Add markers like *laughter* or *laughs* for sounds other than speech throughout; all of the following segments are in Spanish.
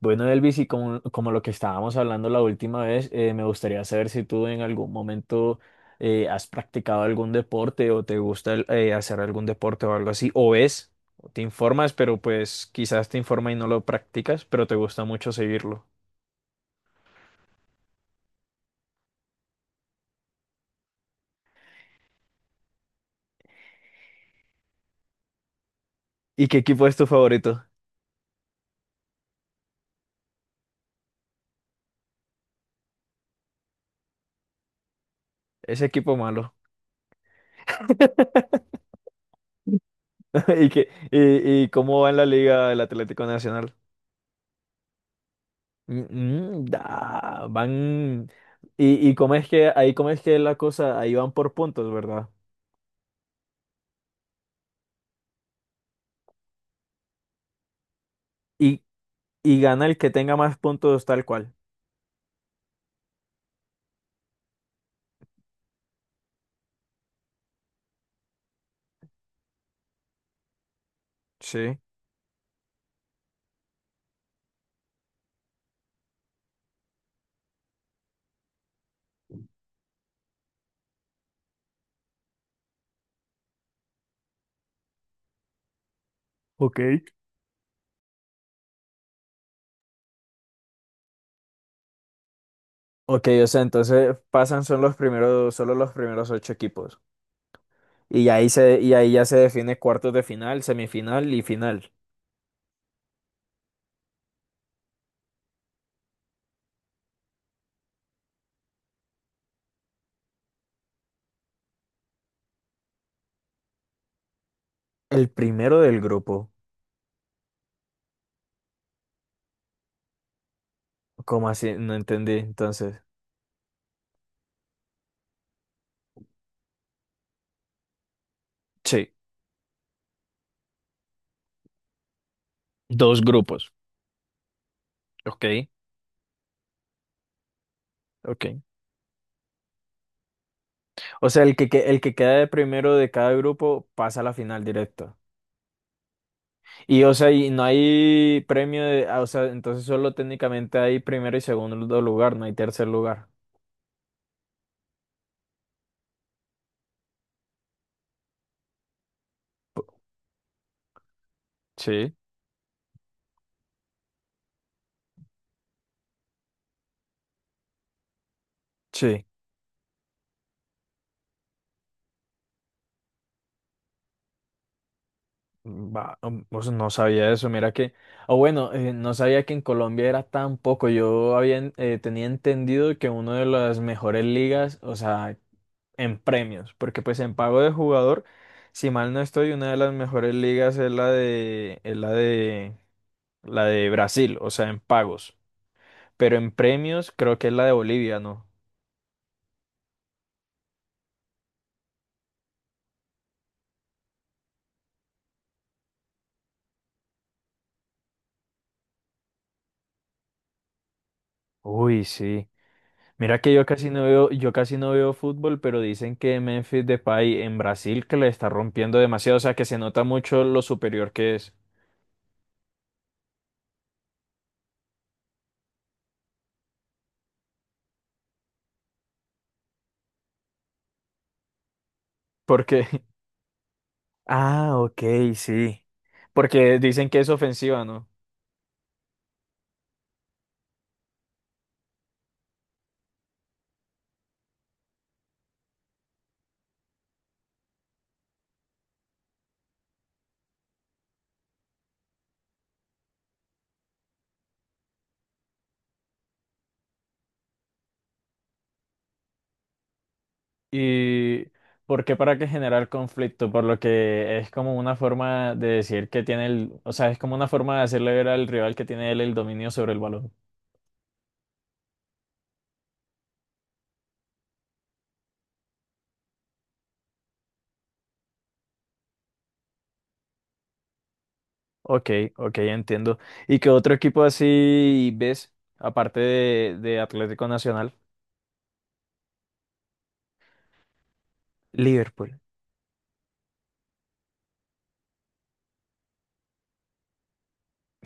Bueno, Elvis, y como lo que estábamos hablando la última vez, me gustaría saber si tú en algún momento has practicado algún deporte o te gusta hacer algún deporte o algo así, o ves, o te informas, pero pues quizás te informa y no lo practicas, pero te gusta mucho seguirlo. ¿Y qué equipo es tu favorito? Ese equipo malo. *laughs* ¿Y, qué, y cómo va en la Liga el Atlético Nacional? Mm, mm, da, van... ¿Y, y cómo es que, ahí cómo es que la cosa, ahí van por puntos, verdad? y y gana el que tenga más puntos tal cual. Sí. Ok. Ok, o sea, entonces pasan son los primeros, solo los primeros ocho equipos. Y ahí se, y ahí ya se define cuartos de final, semifinal y final. El primero del grupo. ¿Cómo así? No entendí, entonces. Sí, dos grupos. Ok, ok. O sea, el que queda de primero de cada grupo pasa a la final directa. Y o sea, y no hay premio de, ah, o sea, entonces solo técnicamente hay primero y segundo lugar, no hay tercer lugar. Sí. Sí, va, pues no sabía eso, mira que, o bueno, no sabía que en Colombia era tan poco, tenía entendido que una de las mejores ligas, o sea, en premios, porque pues en pago de jugador, si mal no estoy, una de las mejores ligas es la de Brasil, o sea, en pagos, pero en premios creo que es la de Bolivia, ¿no? Uy, sí. Mira que yo casi no veo fútbol, pero dicen que Memphis Depay en Brasil que le está rompiendo demasiado, o sea que se nota mucho lo superior que es. Porque, *laughs* ah, ok, sí. Porque dicen que es ofensiva, ¿no? Y porque para que generar conflicto, por lo que es como una forma de decir que tiene el, o sea, es como una forma de hacerle ver al rival que tiene él el dominio sobre el balón. Ok, ok, entiendo. ¿Y qué otro equipo así ves, aparte de Atlético Nacional? Liverpool,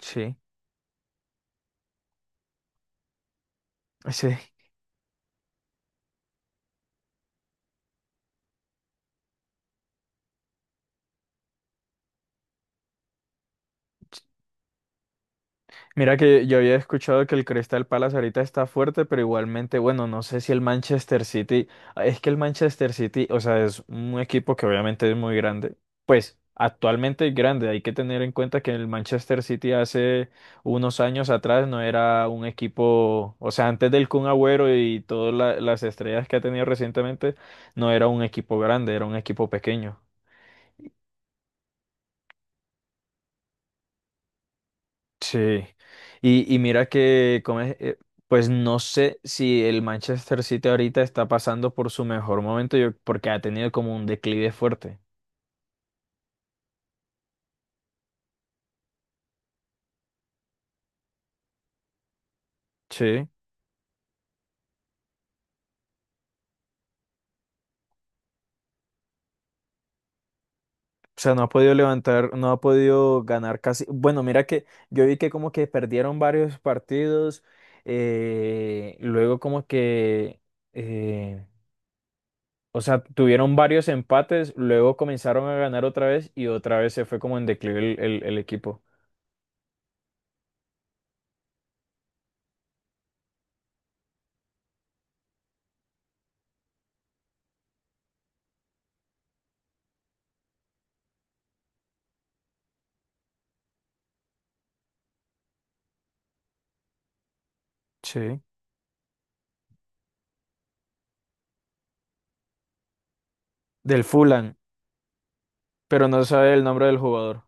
sí, sí. Mira que yo había escuchado que el Crystal Palace ahorita está fuerte, pero igualmente, bueno, no sé si el Manchester City, ah, es que el Manchester City, o sea, es un equipo que obviamente es muy grande, pues actualmente es grande, hay que tener en cuenta que el Manchester City hace unos años atrás no era un equipo, o sea, antes del Kun Agüero y todas las estrellas que ha tenido recientemente, no era un equipo grande, era un equipo pequeño. Sí, y mira que, como es, pues no sé si el Manchester City ahorita está pasando por su mejor momento, yo- porque ha tenido como un declive fuerte. Sí. O sea, no ha podido levantar, no ha podido ganar casi. Bueno, mira que yo vi que como que perdieron varios partidos, eh, luego como que, eh, o sea, tuvieron varios empates, luego comenzaron a ganar otra vez y otra vez se fue como en declive el el equipo. Sí. Del Fulham. Pero no sabe el nombre del jugador.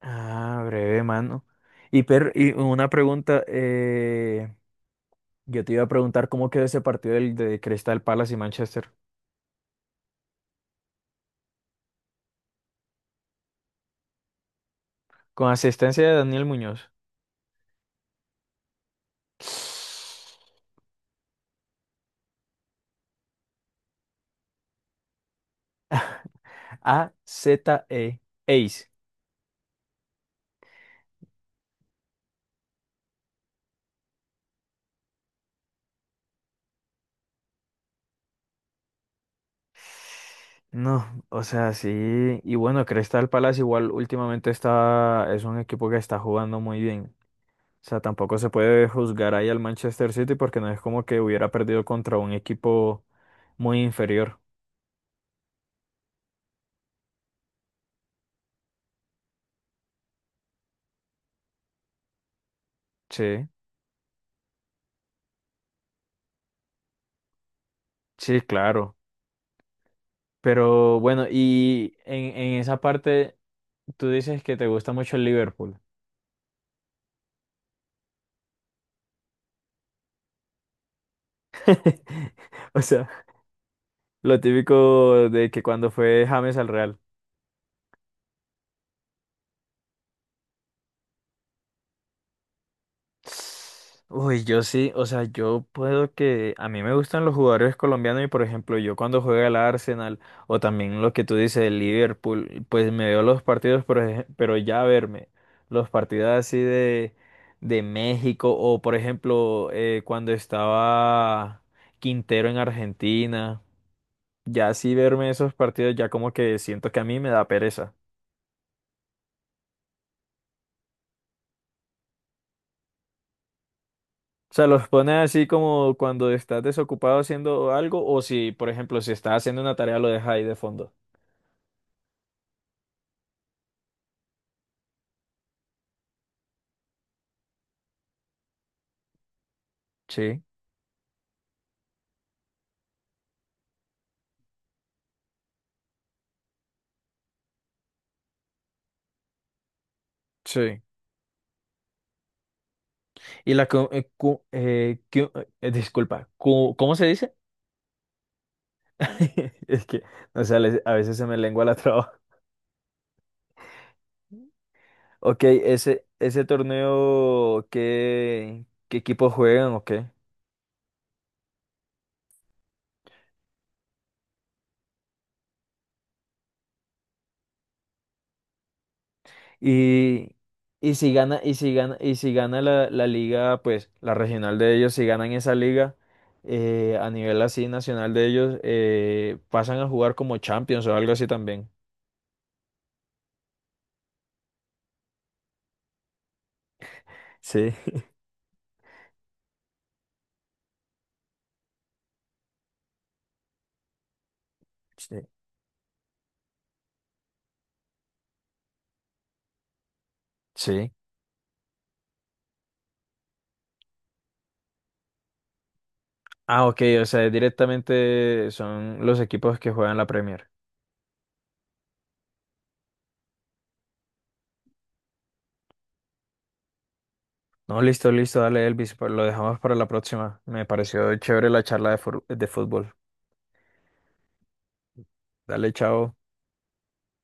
Ah, breve, mano. Y una pregunta, yo te iba a preguntar cómo quedó ese partido del, de Crystal Palace y Manchester. Con asistencia de Daniel Muñoz. A-Z-E. Ace. No, o sea, sí. Y bueno, Crystal Palace igual últimamente está, es un equipo que está jugando muy bien. O sea, tampoco se puede juzgar ahí al Manchester City porque no es como que hubiera perdido contra un equipo muy inferior. Sí. Sí, claro. Pero bueno, y en esa parte tú dices que te gusta mucho el Liverpool. *laughs* O sea, lo típico de que cuando fue James al Real. Uy, yo sí, o sea, yo puedo que a mí me gustan los jugadores colombianos y por ejemplo, yo cuando juega el Arsenal o también lo que tú dices, el Liverpool, pues me veo los partidos, por ej- pero ya verme los partidos así de México o por ejemplo, cuando estaba Quintero en Argentina, ya así verme esos partidos ya como que siento que a mí me da pereza. O sea, los pones así como cuando estás desocupado haciendo algo o si, por ejemplo, si estás haciendo una tarea lo dejas ahí de fondo. Sí, sí. Y la... disculpa, cu- ¿cómo se dice? *laughs* Es que, o sea, les- a veces se me lengua la traba. *laughs* Ok, ese torneo, ¿qué, qué equipos juegan o qué? Y, y si gana la, la liga, pues la regional de ellos, si ganan esa liga a nivel así nacional de ellos, pasan a jugar como Champions o algo así también. Sí. *laughs* Sí. Sí. Ah, ok, o sea, directamente son los equipos que juegan la Premier. No, listo, listo, dale Elvis, pues, lo dejamos para la próxima. Me pareció chévere la charla de, fur- de fútbol. Dale, chao.